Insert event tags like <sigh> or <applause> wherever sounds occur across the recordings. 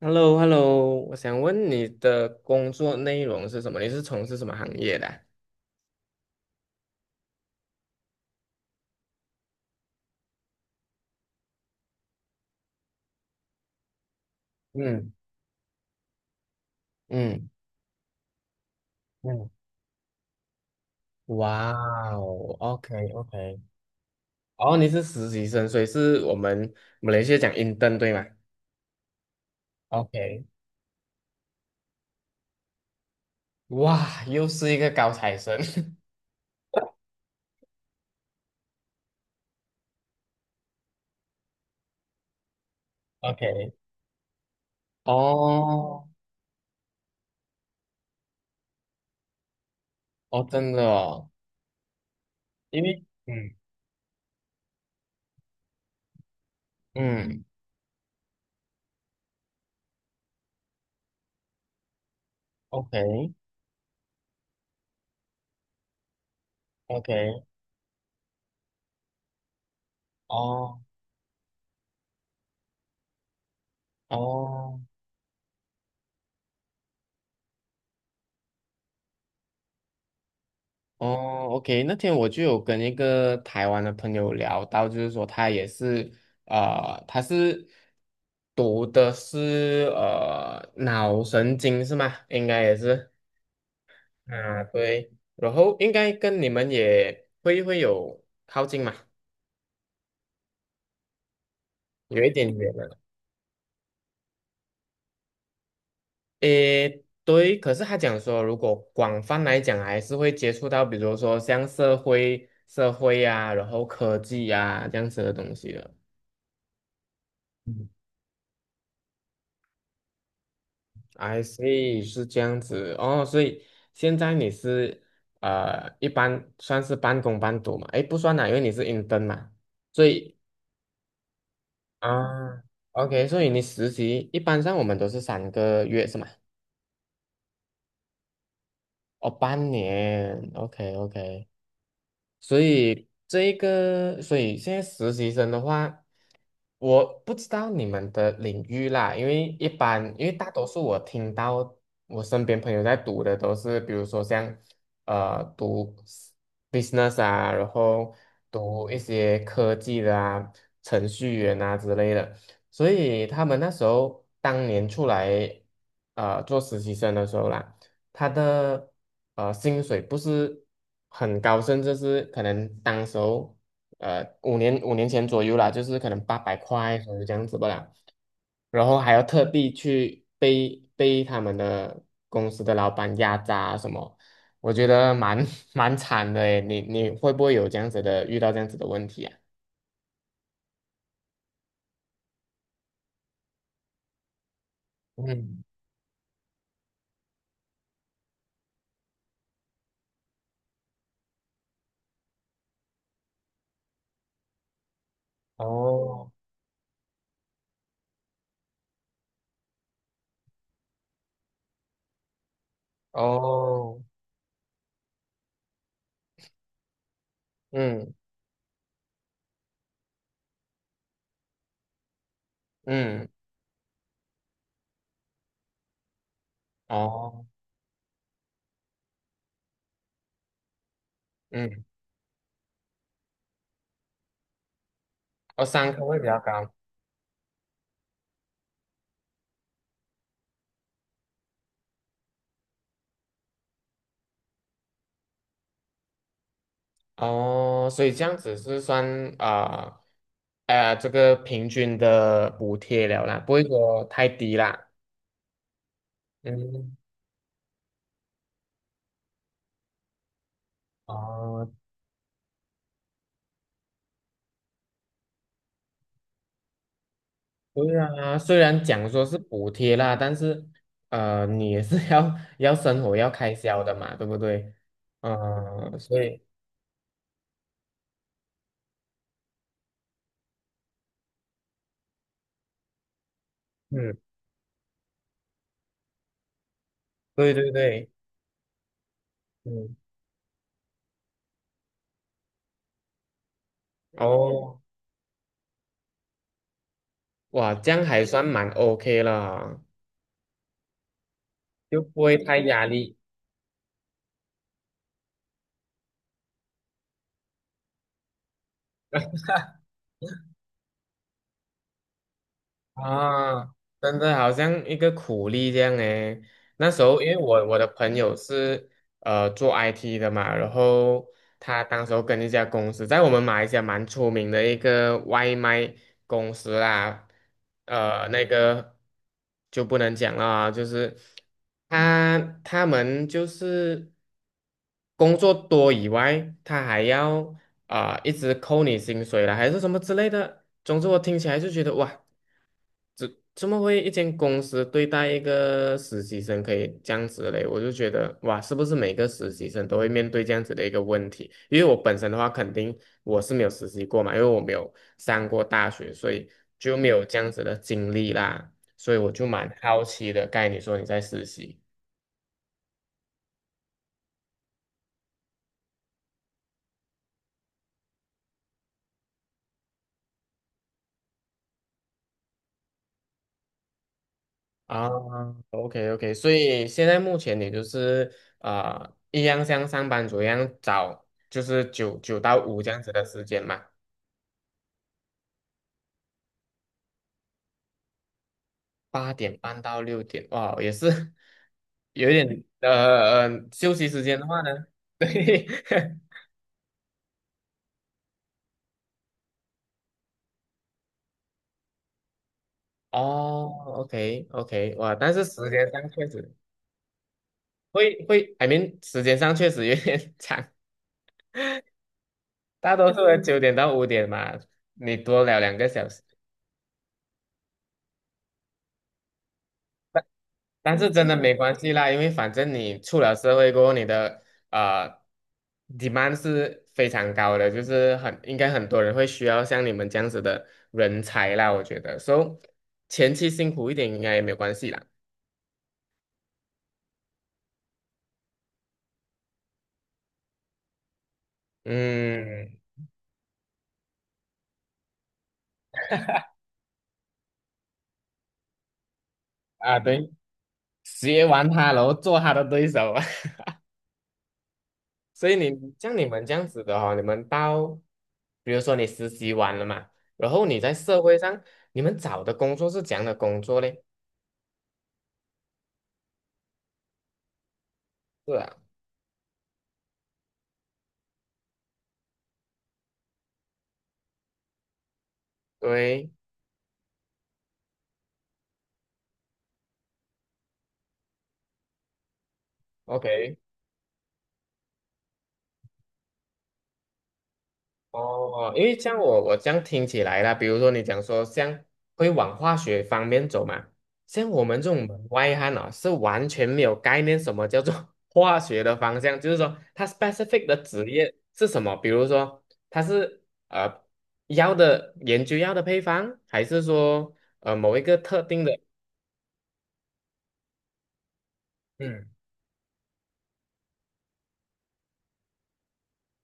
h e l l o h e l l o 我想问你的工作内容是什么？你是从事什么行业的啊？嗯嗯，嗯，哇哦，OK OK，哦，你是实习生，所以是我们马来西亚讲 intern 对吗？OK，哇，又是一个高材生。<laughs> OK，哦哦，真的哦，因为嗯，嗯，OK OK，哦哦。哦，OK，那天我就有跟一个台湾的朋友聊到，就是说他也是，他是读的是脑神经是吗？应该也是，啊，对，然后应该跟你们也会有靠近嘛，有一点远了。诶，对，可是他讲说，如果广泛来讲，还是会接触到，比如说像社会、社会呀、然后科技呀、这样子的东西的。I see，是这样子哦，所以现在你是一般算是半工半读嘛？诶，不算啦，因为你是 intern 嘛，所以啊，OK，所以你实习一般上我们都是3个月是吗？哦，半年，OK OK，所以这一个，所以现在实习生的话，我不知道你们的领域啦，因为一般，因为大多数我听到我身边朋友在读的都是，比如说像读 business 啊，然后读一些科技的啊、程序员啊之类的，所以他们那时候当年出来做实习生的时候啦。他的薪水不是很高，甚至是可能当时候五年前左右啦，就是可能800块左右这样子不啦，然后还要特地去被他们的公司的老板压榨啊什么，我觉得蛮 <laughs> 蛮惨的诶，你会不会有这样子的遇到这样子的问题啊？嗯，哦哦，嗯嗯，哦，嗯，哦，上课会比较高。哦，所以这样子是算啊，这个平均的补贴了啦，不会说太低啦。嗯，哦，对啊，虽然讲说是补贴啦，但是你也是 <laughs> 要生活要开销的嘛，对不对？嗯、所以嗯，对对对，嗯，哦，哇，这样还算蛮 OK 了，就不会太压力。啊，真的好像一个苦力这样诶。那时候因为我的朋友是做 IT 的嘛，然后他当时候跟一家公司，在我们马来西亚蛮出名的一个外卖公司啦，那个就不能讲了啊，就是他他们就是工作多以外，他还要啊、一直扣你薪水啦，还是什么之类的。总之我听起来就觉得哇。这怎么会一间公司对待一个实习生可以这样子嘞？我就觉得哇，是不是每个实习生都会面对这样子的一个问题？因为我本身的话，肯定我是没有实习过嘛，因为我没有上过大学，所以就没有这样子的经历啦，所以我就蛮好奇的。刚才你说你在实习啊，OK OK，所以现在目前你就是啊、一样像上班族一样找，就是九到五这样子的时间嘛。8点半到6点，哇，也是 <laughs> 有一点休息时间的话呢，<laughs> 对，<laughs> 哦，OK OK，哇，但是时间上确实会， 时间上确实有点 <laughs> 长，大多数人9点到5点嘛，你多聊2个小时。但是真的没关系啦，因为反正你出了社会过后，你的呃 demand 是非常高的，就是很应该很多人会需要像你们这样子的人才啦，我觉得，so 前期辛苦一点应该也没有关系啦。嗯，啊对，学完他，然后做他的对手啊，<laughs> 所以你像你们这样子的哦，你们到比如说你实习完了嘛，然后你在社会上，你们找的工作是怎样的工作嘞？是啊，对，OK。哦，因为像我这样听起来啦，比如说你讲说像会往化学方面走嘛，像我们这种门外汉啊，是完全没有概念什么叫做 <laughs> 化学的方向，就是说它 specific 的职业是什么，比如说它是药的研究药的配方，还是说某一个特定的，嗯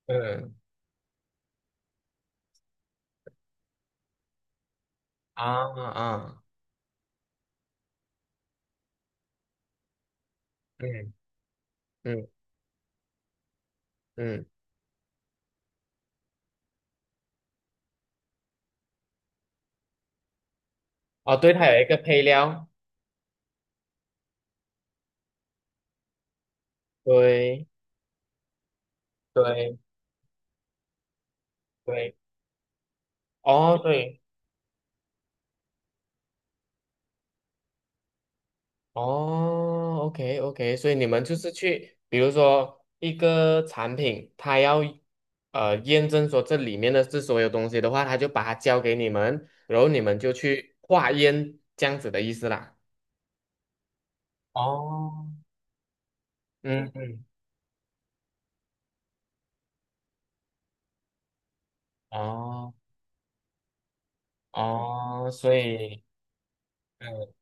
嗯啊啊嗯嗯嗯，哦，对，它有一个配料，对对对，哦对。哦，OK OK，所以你们就是去，比如说一个产品，它要验证说这里面的是所有东西的话，它就把它交给你们，然后你们就去化验这样子的意思啦。哦，嗯嗯，哦哦，所以，嗯。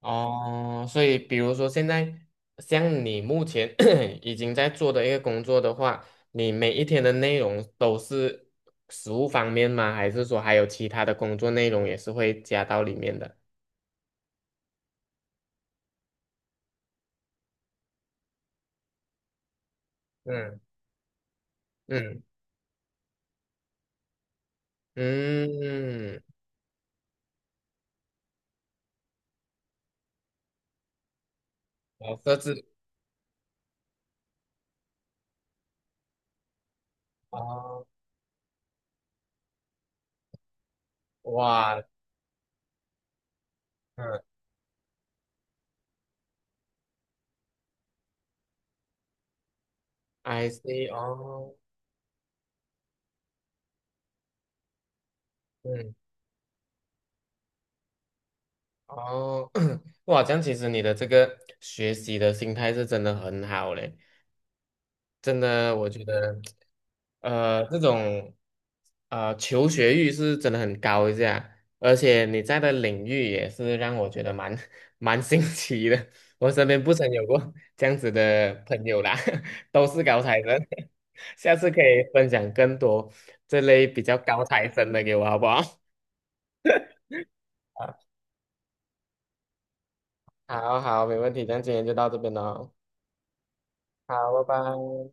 哦，所以比如说现在像你目前 <coughs> <clears throat> 已经在做的一个工作的话，你每一天的内容都是食物方面吗？还是说还有其他的工作内容也是会加到里面的？嗯嗯嗯，哦，设置哦，哇，嗯，I s e 哦，嗯哦，<coughs> <clears throat> 哇，这样其实你的这个学习的心态是真的很好嘞，真的，我觉得。这种求学欲是真的很高一下，而且你在的领域也是让我觉得蛮 <laughs> 蛮新奇的。我身边不曾有过这样子的朋友啦，<laughs> 都是高材生。<laughs> 下次可以分享更多这类比较高材生的给我，好不好？<laughs> 好好，好没问题，那今天就到这边喽。好，拜拜。